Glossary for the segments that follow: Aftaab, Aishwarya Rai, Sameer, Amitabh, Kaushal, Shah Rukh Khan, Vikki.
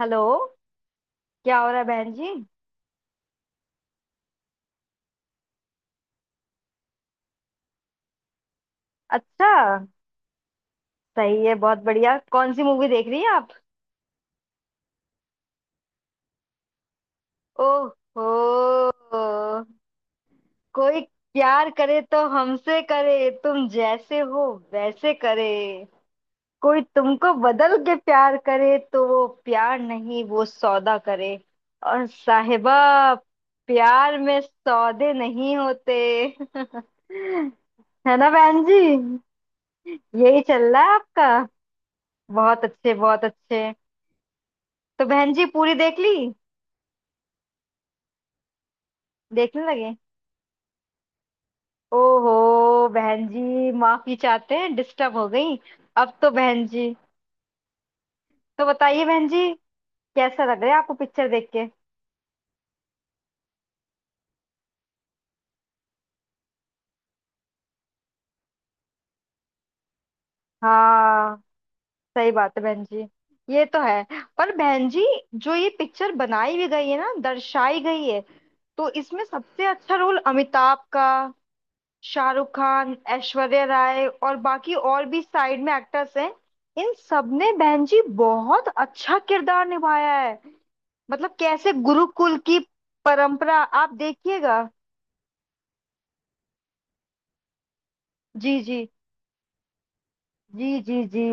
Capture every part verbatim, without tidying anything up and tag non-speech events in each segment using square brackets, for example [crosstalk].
Hello. क्या हो रहा है बहन जी? अच्छा, सही है, बहुत बढ़िया। कौन सी मूवी देख रही हैं आप? ओह हो, कोई प्यार करे तो हमसे करे, तुम जैसे हो वैसे करे। कोई तुमको बदल के प्यार करे तो वो प्यार नहीं, वो सौदा करे। और साहिबा, प्यार में सौदे नहीं होते। [laughs] है ना बहन जी? यही चल रहा है आपका? बहुत अच्छे, बहुत अच्छे। तो बहन जी, पूरी देख ली? देखने लगे? ओहो बहन जी, माफी चाहते हैं, डिस्टर्ब हो गई। अब तो बहन जी, तो बताइए बहन जी, कैसा लग रहा है आपको पिक्चर देख के? हाँ, सही बात है बहन जी, ये तो है। पर बहन जी, जो ये पिक्चर बनाई भी गई है ना, दर्शाई गई है, तो इसमें सबसे अच्छा रोल अमिताभ का, शाहरुख खान, ऐश्वर्या राय और बाकी और भी साइड में एक्टर्स हैं। इन सबने बहन जी बहुत अच्छा किरदार निभाया है। मतलब कैसे गुरुकुल की परंपरा, आप देखिएगा। जी जी जी जी जी।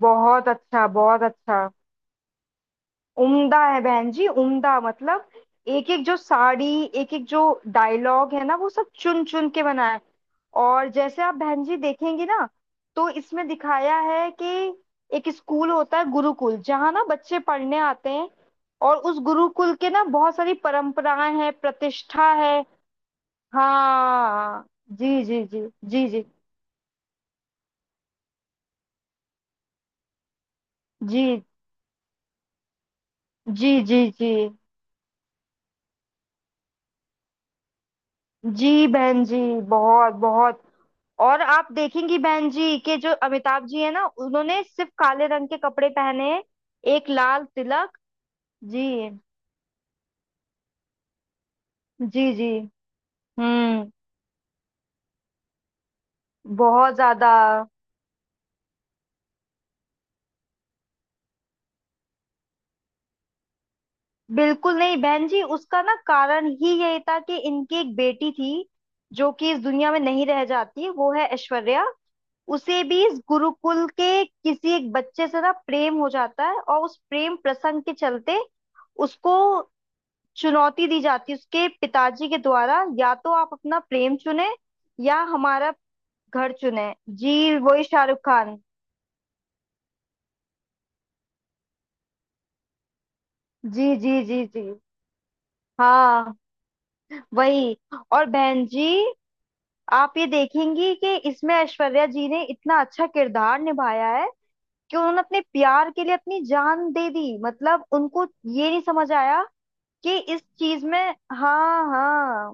बहुत अच्छा, बहुत अच्छा। उम्दा है बहन जी, उम्दा मतलब। एक एक जो साड़ी, एक एक जो डायलॉग है ना, वो सब चुन चुन के बनाया है। और जैसे आप बहन जी देखेंगी ना, तो इसमें दिखाया है कि एक स्कूल होता है गुरुकुल, जहाँ ना बच्चे पढ़ने आते हैं। और उस गुरुकुल के ना बहुत सारी परंपराएं हैं, प्रतिष्ठा है। हाँ, जी जी जी जी जी जी जी जी जी जी बहन जी, बहुत बहुत। और आप देखेंगी बहन जी के जो अमिताभ जी है ना, उन्होंने सिर्फ काले रंग के कपड़े पहने हैं, एक लाल तिलक। जी जी जी। हम्म, बहुत ज्यादा। बिल्कुल नहीं बहन जी, उसका ना कारण ही यही था कि इनकी एक बेटी थी जो कि इस दुनिया में नहीं रह जाती, वो है ऐश्वर्या। उसे भी इस गुरुकुल के किसी एक बच्चे से ना प्रेम हो जाता है, और उस प्रेम प्रसंग के चलते उसको चुनौती दी जाती है उसके पिताजी के द्वारा, या तो आप अपना प्रेम चुने या हमारा घर चुने। जी, वही शाहरुख खान। जी जी जी जी, हाँ वही। और बहन जी, आप ये देखेंगी कि इसमें ऐश्वर्या जी ने इतना अच्छा किरदार निभाया है कि उन्होंने अपने प्यार के लिए अपनी जान दे दी। मतलब उनको ये नहीं समझ आया कि इस चीज में, हाँ हाँ,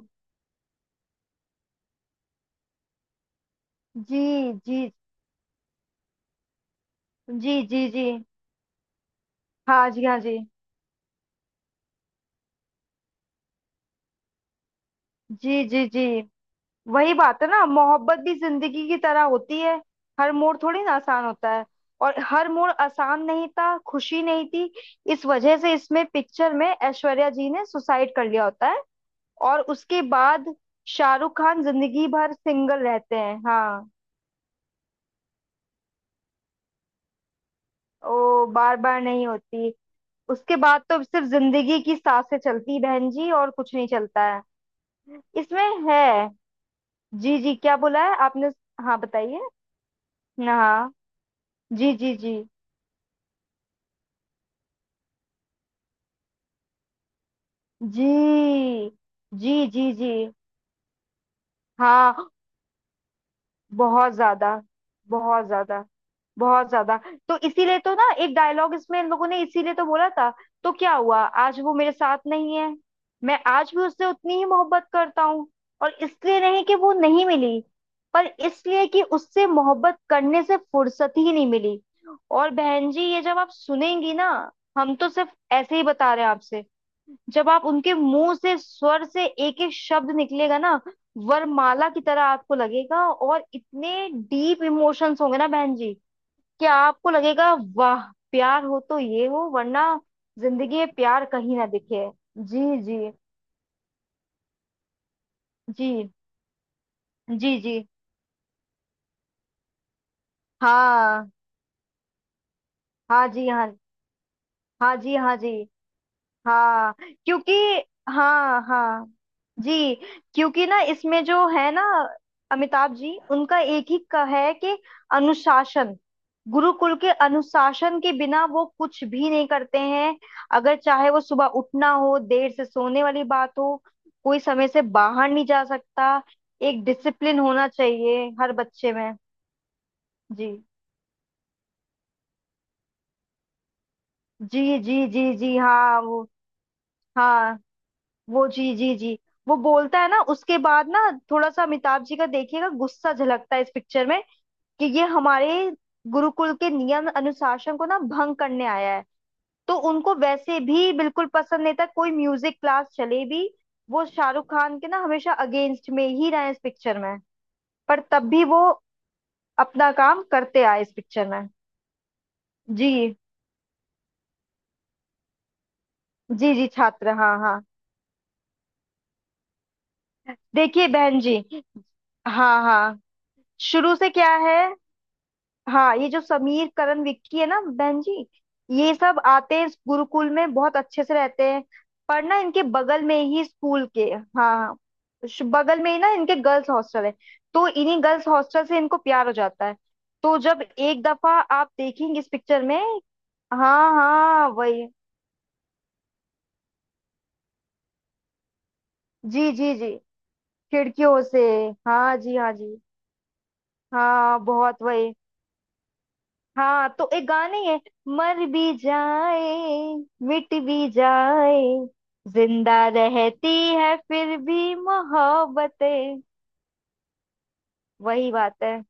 जी जी जी जी जी। हाँ जी, हाँ जी, जी जी जी। वही बात है ना, मोहब्बत भी जिंदगी की तरह होती है। हर मोड़ थोड़ी ना आसान होता है। और हर मोड़ आसान नहीं था, खुशी नहीं थी। इस वजह से इसमें पिक्चर में ऐश्वर्या जी ने सुसाइड कर लिया होता है। और उसके बाद शाहरुख खान जिंदगी भर सिंगल रहते हैं। हाँ, ओ बार बार नहीं होती। उसके बाद तो सिर्फ जिंदगी की सांसें चलती हैं बहन जी, और कुछ नहीं चलता है। इसमें है। जी जी, क्या बोला है आपने? हाँ बताइए। हाँ, जी जी जी जी जी जी जी। हाँ, बहुत ज्यादा, बहुत ज्यादा, बहुत ज्यादा। तो इसीलिए तो ना एक डायलॉग इसमें इन लोगों ने इसीलिए तो बोला था, तो क्या हुआ आज वो मेरे साथ नहीं है, मैं आज भी उससे उतनी ही मोहब्बत करता हूँ। और इसलिए नहीं कि वो नहीं मिली, पर इसलिए कि उससे मोहब्बत करने से फुर्सत ही नहीं मिली। और बहन जी, ये जब आप सुनेंगी ना, हम तो सिर्फ ऐसे ही बता रहे हैं आपसे। जब आप उनके मुंह से स्वर से एक एक शब्द निकलेगा ना, वरमाला की तरह आपको लगेगा, और इतने डीप इमोशंस होंगे ना बहन जी, क्या आपको लगेगा, वाह, प्यार हो तो ये हो वरना जिंदगी में प्यार कहीं ना दिखे। जी जी जी जी जी। हाँ हाँ जी, हाँ हाँ जी, हाँ जी, हाँ क्योंकि, हाँ हाँ। जी, क्योंकि ना इसमें जो है ना, अमिताभ जी उनका एक ही का है कि अनुशासन, गुरुकुल के अनुशासन के बिना वो कुछ भी नहीं करते हैं। अगर चाहे वो सुबह उठना हो, देर से सोने वाली बात हो, कोई समय से बाहर नहीं जा सकता। एक डिसिप्लिन होना चाहिए हर बच्चे में। जी जी जी जी जी, हाँ वो, हाँ वो, जी जी जी। वो बोलता है ना उसके बाद ना, थोड़ा सा अमिताभ जी का देखिएगा गुस्सा झलकता है इस पिक्चर में, कि ये हमारे गुरुकुल के नियम अनुशासन को ना भंग करने आया है। तो उनको वैसे भी बिल्कुल पसंद नहीं था कोई म्यूजिक क्लास चले भी। वो शाहरुख खान के ना हमेशा अगेंस्ट में ही रहे इस पिक्चर में। पर तब भी वो अपना काम करते आए इस पिक्चर में। जी जी जी, छात्र, हाँ हाँ। देखिए बहन जी, हाँ हाँ, शुरू से क्या है। हाँ, ये जो समीर, करण, विक्की है ना बहन जी, ये सब आते हैं इस गुरुकुल में, बहुत अच्छे से रहते हैं। पर ना इनके बगल में ही स्कूल के, हाँ, हाँ, श- बगल में ही ना इनके गर्ल्स हॉस्टल है। तो इन्हीं गर्ल्स हॉस्टल से इनको प्यार हो जाता है। तो जब एक दफा आप देखेंगे इस पिक्चर में, हाँ हाँ वही, जी जी जी, खिड़कियों से। हाँ जी, हाँ जी, हाँ, बहुत वही। हाँ, तो एक गाना ही है, मर भी जाए, मिट भी जाए, जिंदा रहती है फिर भी मोहब्बतें। वही बात है।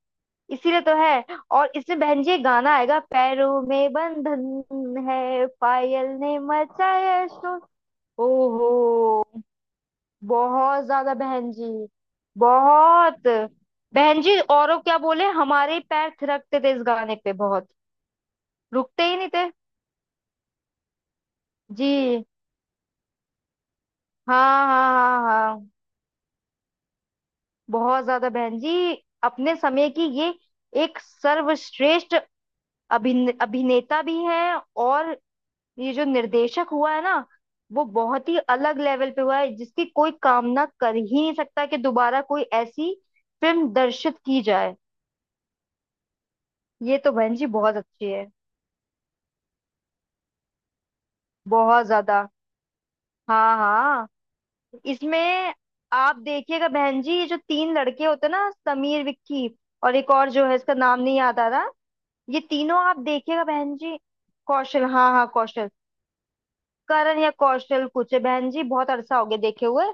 इसीलिए तो है। और इसमें बहन जी एक गाना आएगा, पैरों में बंधन है, पायल ने मचाया शोर। ओहो, बहुत ज्यादा बहन जी, बहुत। बहन जी औरों क्या बोले, हमारे ही पैर थिरकते थे इस गाने पे, बहुत, रुकते ही नहीं थे। जी, हाँ हाँ, हाँ हाँ, बहुत ज्यादा बहन जी। अपने समय की ये एक सर्वश्रेष्ठ अभिन अभिनेता भी हैं। और ये जो निर्देशक हुआ है ना, वो बहुत ही अलग लेवल पे हुआ है, जिसकी कोई कामना कर ही नहीं सकता कि दोबारा कोई ऐसी फिल्म दर्शित की जाए। ये तो बहन जी बहुत अच्छी है। बहुत ज्यादा, हाँ हाँ। इसमें आप देखिएगा बहन जी, ये जो तीन लड़के होते हैं ना, समीर, विक्की, और एक और जो है, इसका नाम नहीं याद आ रहा। ये तीनों आप देखिएगा बहन जी। कौशल, हाँ हाँ कौशल, करण या कौशल कुछ है, बहन जी बहुत अरसा हो गया देखे हुए।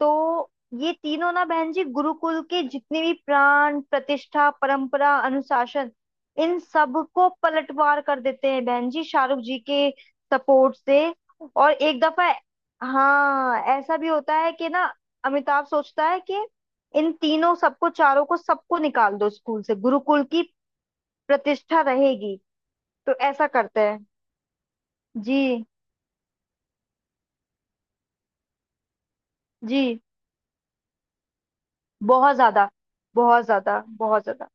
तो ये तीनों ना बहन जी गुरुकुल के जितने भी प्राण प्रतिष्ठा परंपरा अनुशासन, इन सब को पलटवार कर देते हैं बहन जी शाहरुख जी के सपोर्ट से। और एक दफा, हाँ ऐसा भी होता है कि ना अमिताभ सोचता है कि इन तीनों सबको, चारों को, सबको निकाल दो स्कूल से, गुरुकुल की प्रतिष्ठा रहेगी। तो ऐसा करते हैं। जी जी। बहुत ज्यादा, बहुत ज्यादा, बहुत ज्यादा।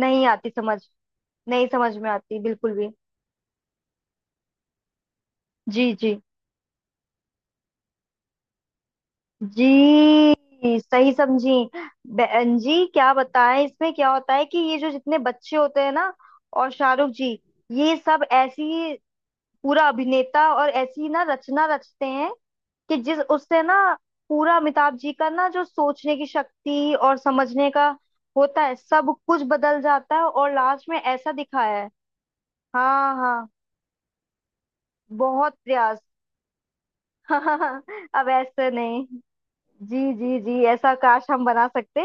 नहीं आती समझ, नहीं समझ में आती बिल्कुल भी। जी जी जी, सही समझी बहन जी। क्या बताएं इसमें क्या होता है कि ये जो जितने बच्चे होते हैं ना, और शाहरुख जी, ये सब ऐसी पूरा अभिनेता और ऐसी ना रचना रचते हैं कि जिस उससे ना, पूरा अमिताभ जी का ना जो सोचने की शक्ति और समझने का होता है, सब कुछ बदल जाता है। और लास्ट में ऐसा दिखाया है, हाँ हाँ, बहुत प्रयास। [laughs] हाँ, अब ऐसे नहीं, जी जी जी, ऐसा काश हम बना सकते।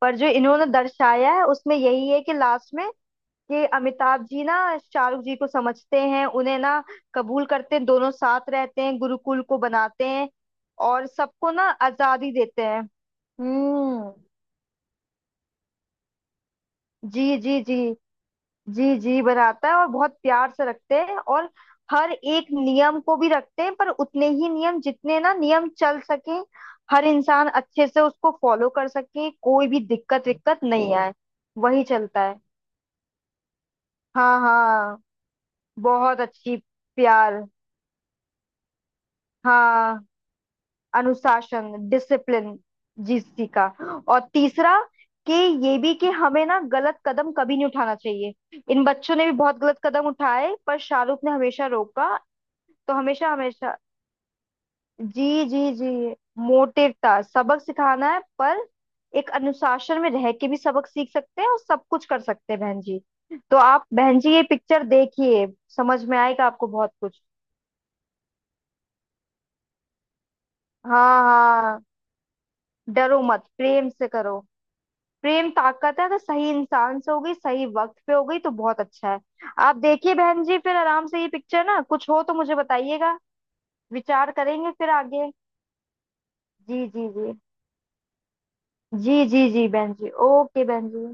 पर जो इन्होंने दर्शाया है उसमें यही है कि लास्ट में कि अमिताभ जी ना शाहरुख जी को समझते हैं, उन्हें ना कबूल करते हैं, दोनों साथ रहते हैं, गुरुकुल को बनाते हैं और सबको ना आजादी देते हैं। हम्म, जी जी जी जी जी। बनाता है और बहुत प्यार से रखते हैं, और हर एक नियम को भी रखते हैं पर उतने ही नियम जितने ना नियम चल सके, हर इंसान अच्छे से उसको फॉलो कर सके, कोई भी दिक्कत विक्कत नहीं आए। वही चलता है। हाँ हाँ, बहुत अच्छी। प्यार, हाँ। अनुशासन, डिसिप्लिन, जीसी का। और तीसरा कि ये भी कि हमें ना गलत कदम कभी नहीं उठाना चाहिए। इन बच्चों ने भी बहुत गलत कदम उठाए पर शाहरुख ने हमेशा रोका। तो हमेशा हमेशा, जी जी जी, मोटिव था सबक सिखाना है, पर एक अनुशासन में रह के भी सबक सीख सकते हैं और सब कुछ कर सकते हैं बहन जी। तो आप बहन जी ये पिक्चर देखिए, समझ में आएगा आपको बहुत कुछ। हाँ हाँ। डरो मत, प्रेम से करो, प्रेम ताकत है। अगर सही इंसान से हो गई, सही वक्त पे हो गई, तो बहुत अच्छा है। आप देखिए बहन जी फिर आराम से ये पिक्चर, ना कुछ हो तो मुझे बताइएगा, विचार करेंगे फिर आगे। जी जी जी जी जी जी बहन जी, ओके बहन जी।